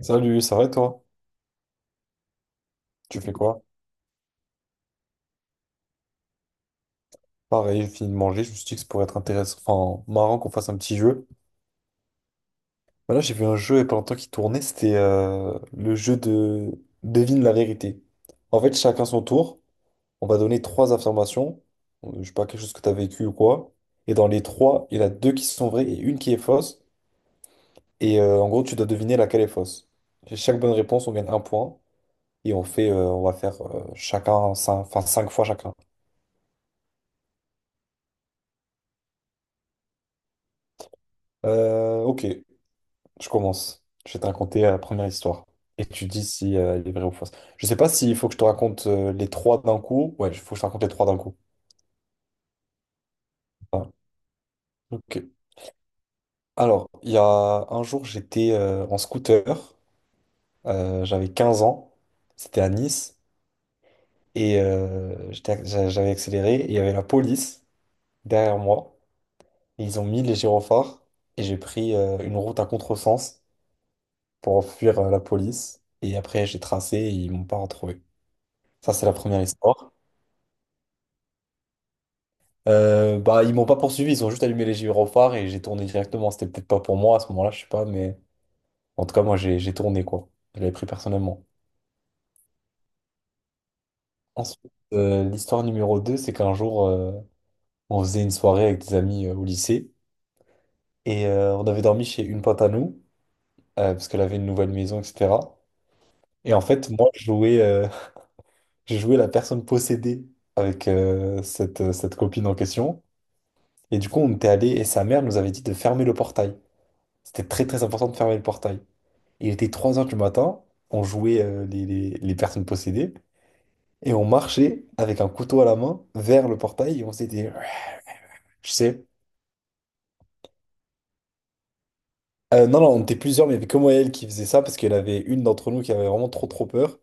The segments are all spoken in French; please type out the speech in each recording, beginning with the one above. Salut, ça va et toi? Tu fais quoi? Pareil, j'ai fini de manger, je me suis dit que ça pourrait être intéressant, enfin marrant qu'on fasse un petit jeu. Bah là, j'ai vu un jeu il y a pas longtemps qui tournait, c'était le jeu de devine la vérité. En fait, chacun son tour, on va donner trois affirmations, je sais pas, quelque chose que tu as vécu ou quoi. Et dans les trois, il y en a deux qui sont vraies et une qui est fausse. Et en gros, tu dois deviner laquelle est fausse. Et chaque bonne réponse, on gagne un point. Et on fait, on va faire chacun, cinq, enfin cinq fois chacun. Ok, je commence. Je vais te raconter la première histoire. Et tu dis si elle est vraie ou fausse. Je sais pas s'il faut que je te raconte les trois d'un coup. Ouais, il faut que je te raconte les trois d'un coup. Ah, ok. Alors, il y a un jour, j'étais en scooter. J'avais 15 ans. C'était à Nice. Et j'avais accéléré. Et il y avait la police derrière moi. Et ils ont mis les gyrophares. Et j'ai pris une route à contresens pour fuir la police. Et après, j'ai tracé et ils m'ont pas retrouvé. Ça, c'est la première histoire. Bah, ils m'ont pas poursuivi, ils ont juste allumé les gyrophares et j'ai tourné directement. C'était peut-être pas pour moi à ce moment-là, je sais pas, mais en tout cas, moi, j'ai tourné, quoi. Je l'avais pris personnellement. Ensuite, l'histoire numéro 2, c'est qu'un jour, on faisait une soirée avec des amis au lycée et on avait dormi chez une pote à nous, parce qu'elle avait une nouvelle maison, etc. Et en fait, moi, je jouais, je jouais la personne possédée avec cette copine en question. Et du coup, on était allé et sa mère nous avait dit de fermer le portail. C'était très très important de fermer le portail. Et il était 3 heures du matin, on jouait les personnes possédées et on marchait avec un couteau à la main vers le portail et on s'était dit, ouais, je sais. Non, non, on était plusieurs, mais il y avait que moi et elle qui faisait ça parce qu'elle avait une d'entre nous qui avait vraiment trop trop peur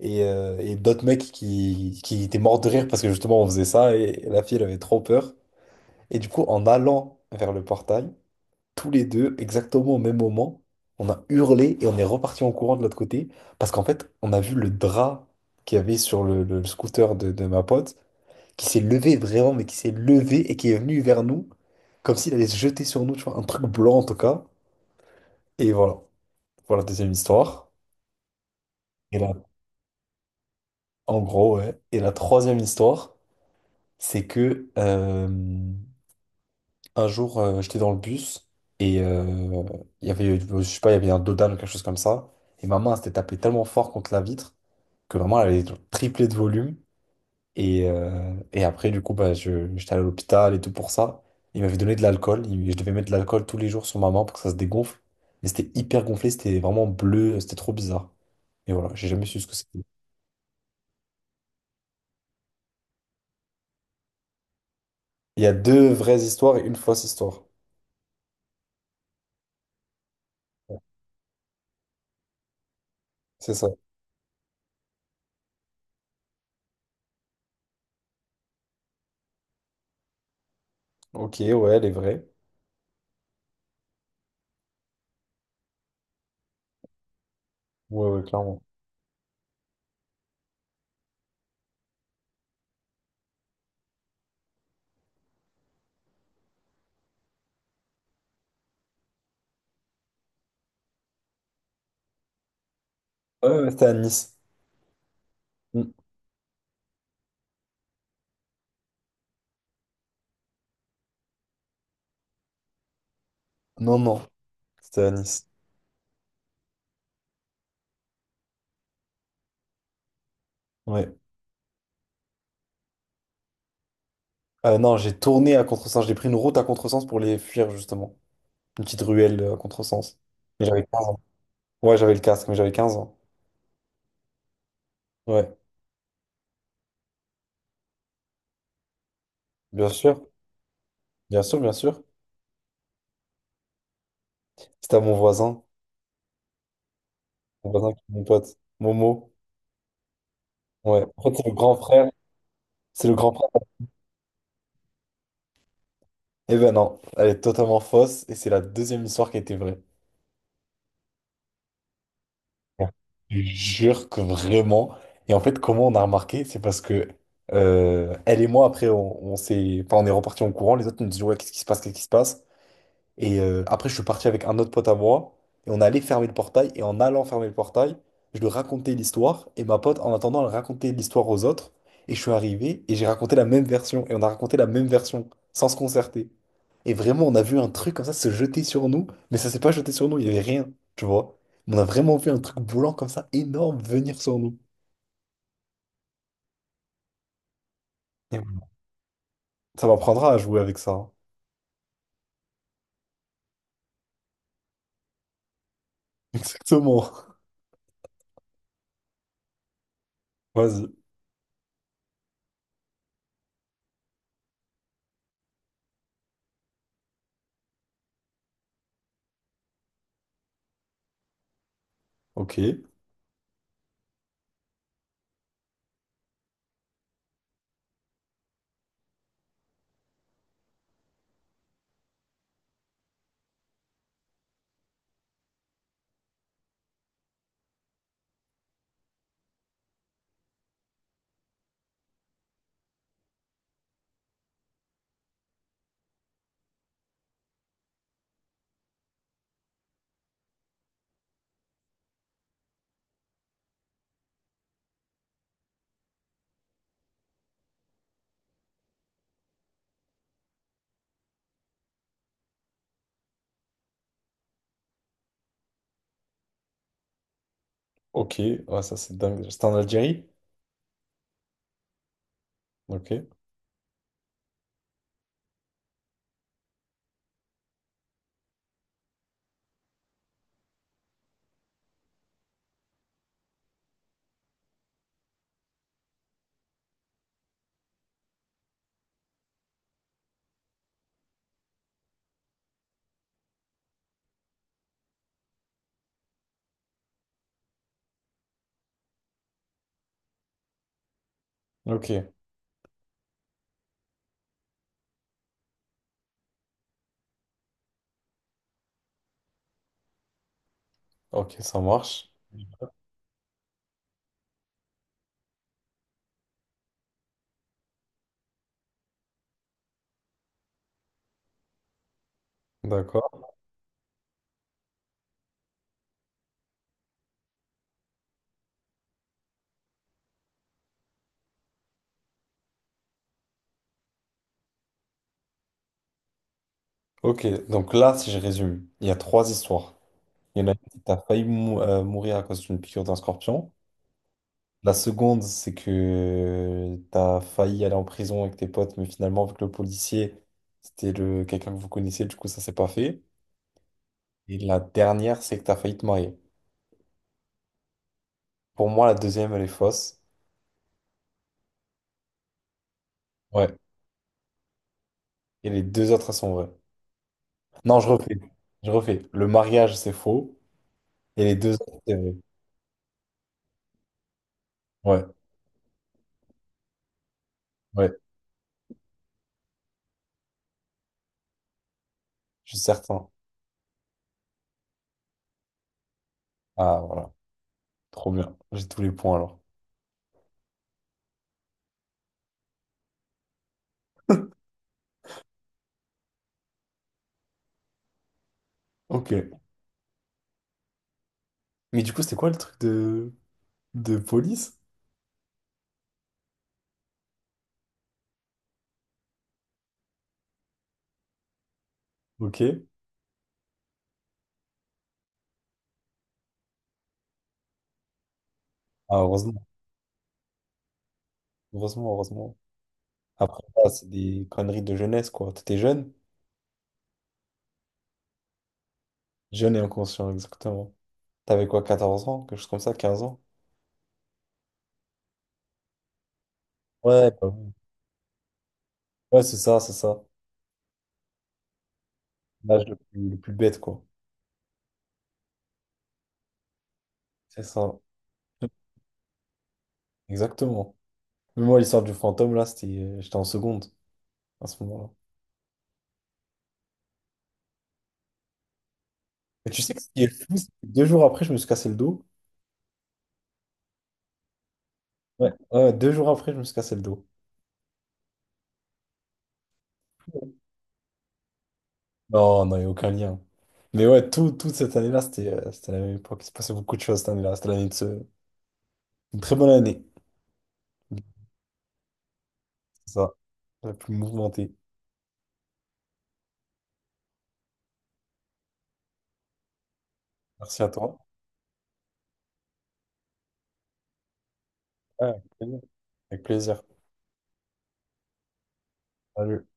et d'autres mecs qui étaient morts de rire parce que justement on faisait ça et la fille elle avait trop peur. Et du coup, en allant vers le portail, tous les deux, exactement au même moment, on a hurlé et on est reparti en courant de l'autre côté parce qu'en fait, on a vu le drap qu'il y avait sur le scooter de ma pote qui s'est levé vraiment, mais qui s'est levé et qui est venu vers nous comme s'il allait se jeter sur nous, tu vois, un truc blanc en tout cas. Et voilà, voilà deuxième histoire. Et là, en gros, ouais. Et la troisième histoire, c'est que un jour, j'étais dans le bus et il y avait, je sais pas, il y avait un dodan ou quelque chose comme ça. Et ma main s'était tapée tellement fort contre la vitre que vraiment elle avait triplé de volume. Et après, du coup, bah, j'étais allé à l'hôpital et tout pour ça. Il m'avait donné de l'alcool. Je devais mettre de l'alcool tous les jours sur ma main pour que ça se dégonfle. Mais c'était hyper gonflé, c'était vraiment bleu, c'était trop bizarre. Et voilà, j'ai jamais su ce que c'était. Il y a deux vraies histoires et une fausse histoire. C'est ça. Ok, ouais, elle est vraie. Ouais, ouais, clairement. Ouais, ouais, c'était à Nice. Mm. Non, non, c'était à Nice. Ouais. Non, j'ai tourné à contresens. J'ai pris une route à contresens pour les fuir, justement. Une petite ruelle à contresens. Mais j'avais 15 ans. Ouais, j'avais le casque, mais j'avais 15 ans. Ouais, bien sûr. Bien sûr, bien sûr. C'était à mon voisin. Mon voisin qui est mon pote. Momo. Ouais. En fait, c'est le grand frère. C'est le grand frère. Eh ben non, elle est totalement fausse. Et c'est la deuxième histoire qui était vraie. Je jure que vraiment. Et en fait, comment on a remarqué, c'est parce que elle et moi, après, on s'est, enfin, on est reparti en courant. Les autres nous disent, ouais, qu'est-ce qui se passe, qu'est-ce qui se passe? Et après, je suis parti avec un autre pote à moi, et on allait fermer le portail, et en allant fermer le portail, je lui racontais l'histoire, et ma pote, en attendant, elle racontait l'histoire aux autres, et je suis arrivé, et j'ai raconté la même version, et on a raconté la même version, sans se concerter. Et vraiment, on a vu un truc comme ça se jeter sur nous, mais ça s'est pas jeté sur nous, il y avait rien, tu vois. On a vraiment vu un truc blanc comme ça, énorme, venir sur nous. Et ouais. Ça m'apprendra à jouer avec ça, hein. Exactement. Vas-y. Ok. Ok. Ouais, ça c'est dingue. C'était en Algérie? Ok. Ok. Ok, ça marche. D'accord. Ok, donc là, si je résume, il y a trois histoires. Il y en a une qui t'as mourir à cause d'une piqûre d'un scorpion. La seconde, c'est que t'as failli aller en prison avec tes potes, mais finalement, avec le policier, c'était le quelqu'un que vous connaissez, du coup, ça s'est pas fait. Et la dernière, c'est que t'as failli te marier. Pour moi, la deuxième, elle est fausse. Ouais. Et les deux autres, elles sont vraies. Non, je refais. Je refais. Le mariage, c'est faux. Et les deux autres, c'est vrai. Ouais, ouais, je suis certain. Ah, voilà. Trop bien. J'ai tous les points alors. Ok. Mais du coup, c'était quoi le truc de police? Ok. Ah, heureusement. Heureusement, heureusement. Après, ça c'est des conneries de jeunesse, quoi. T'étais jeune? Jeune et inconscient, exactement. T'avais quoi, 14 ans? Quelque chose comme ça, 15 ans? Ouais, bah oui. Ouais, c'est ça, c'est ça. L'âge le plus bête, quoi. C'est ça. Exactement. Mais moi, l'histoire du fantôme, là, c'était, j'étais en seconde à ce moment-là. Et tu sais que ce qui est fou, c'est que 2 jours après, je me suis cassé le dos. Ouais. Ouais, 2 jours après, je me suis cassé le dos. Non, non, il n'y a aucun lien. Mais ouais, tout, toute cette année-là, c'était c'était la même époque. Il se passait beaucoup de choses cette année-là. C'était l'année de ce... une très bonne année. C'est ça, la plus mouvementée. Merci à toi. Ouais, avec plaisir. Avec plaisir. Salut.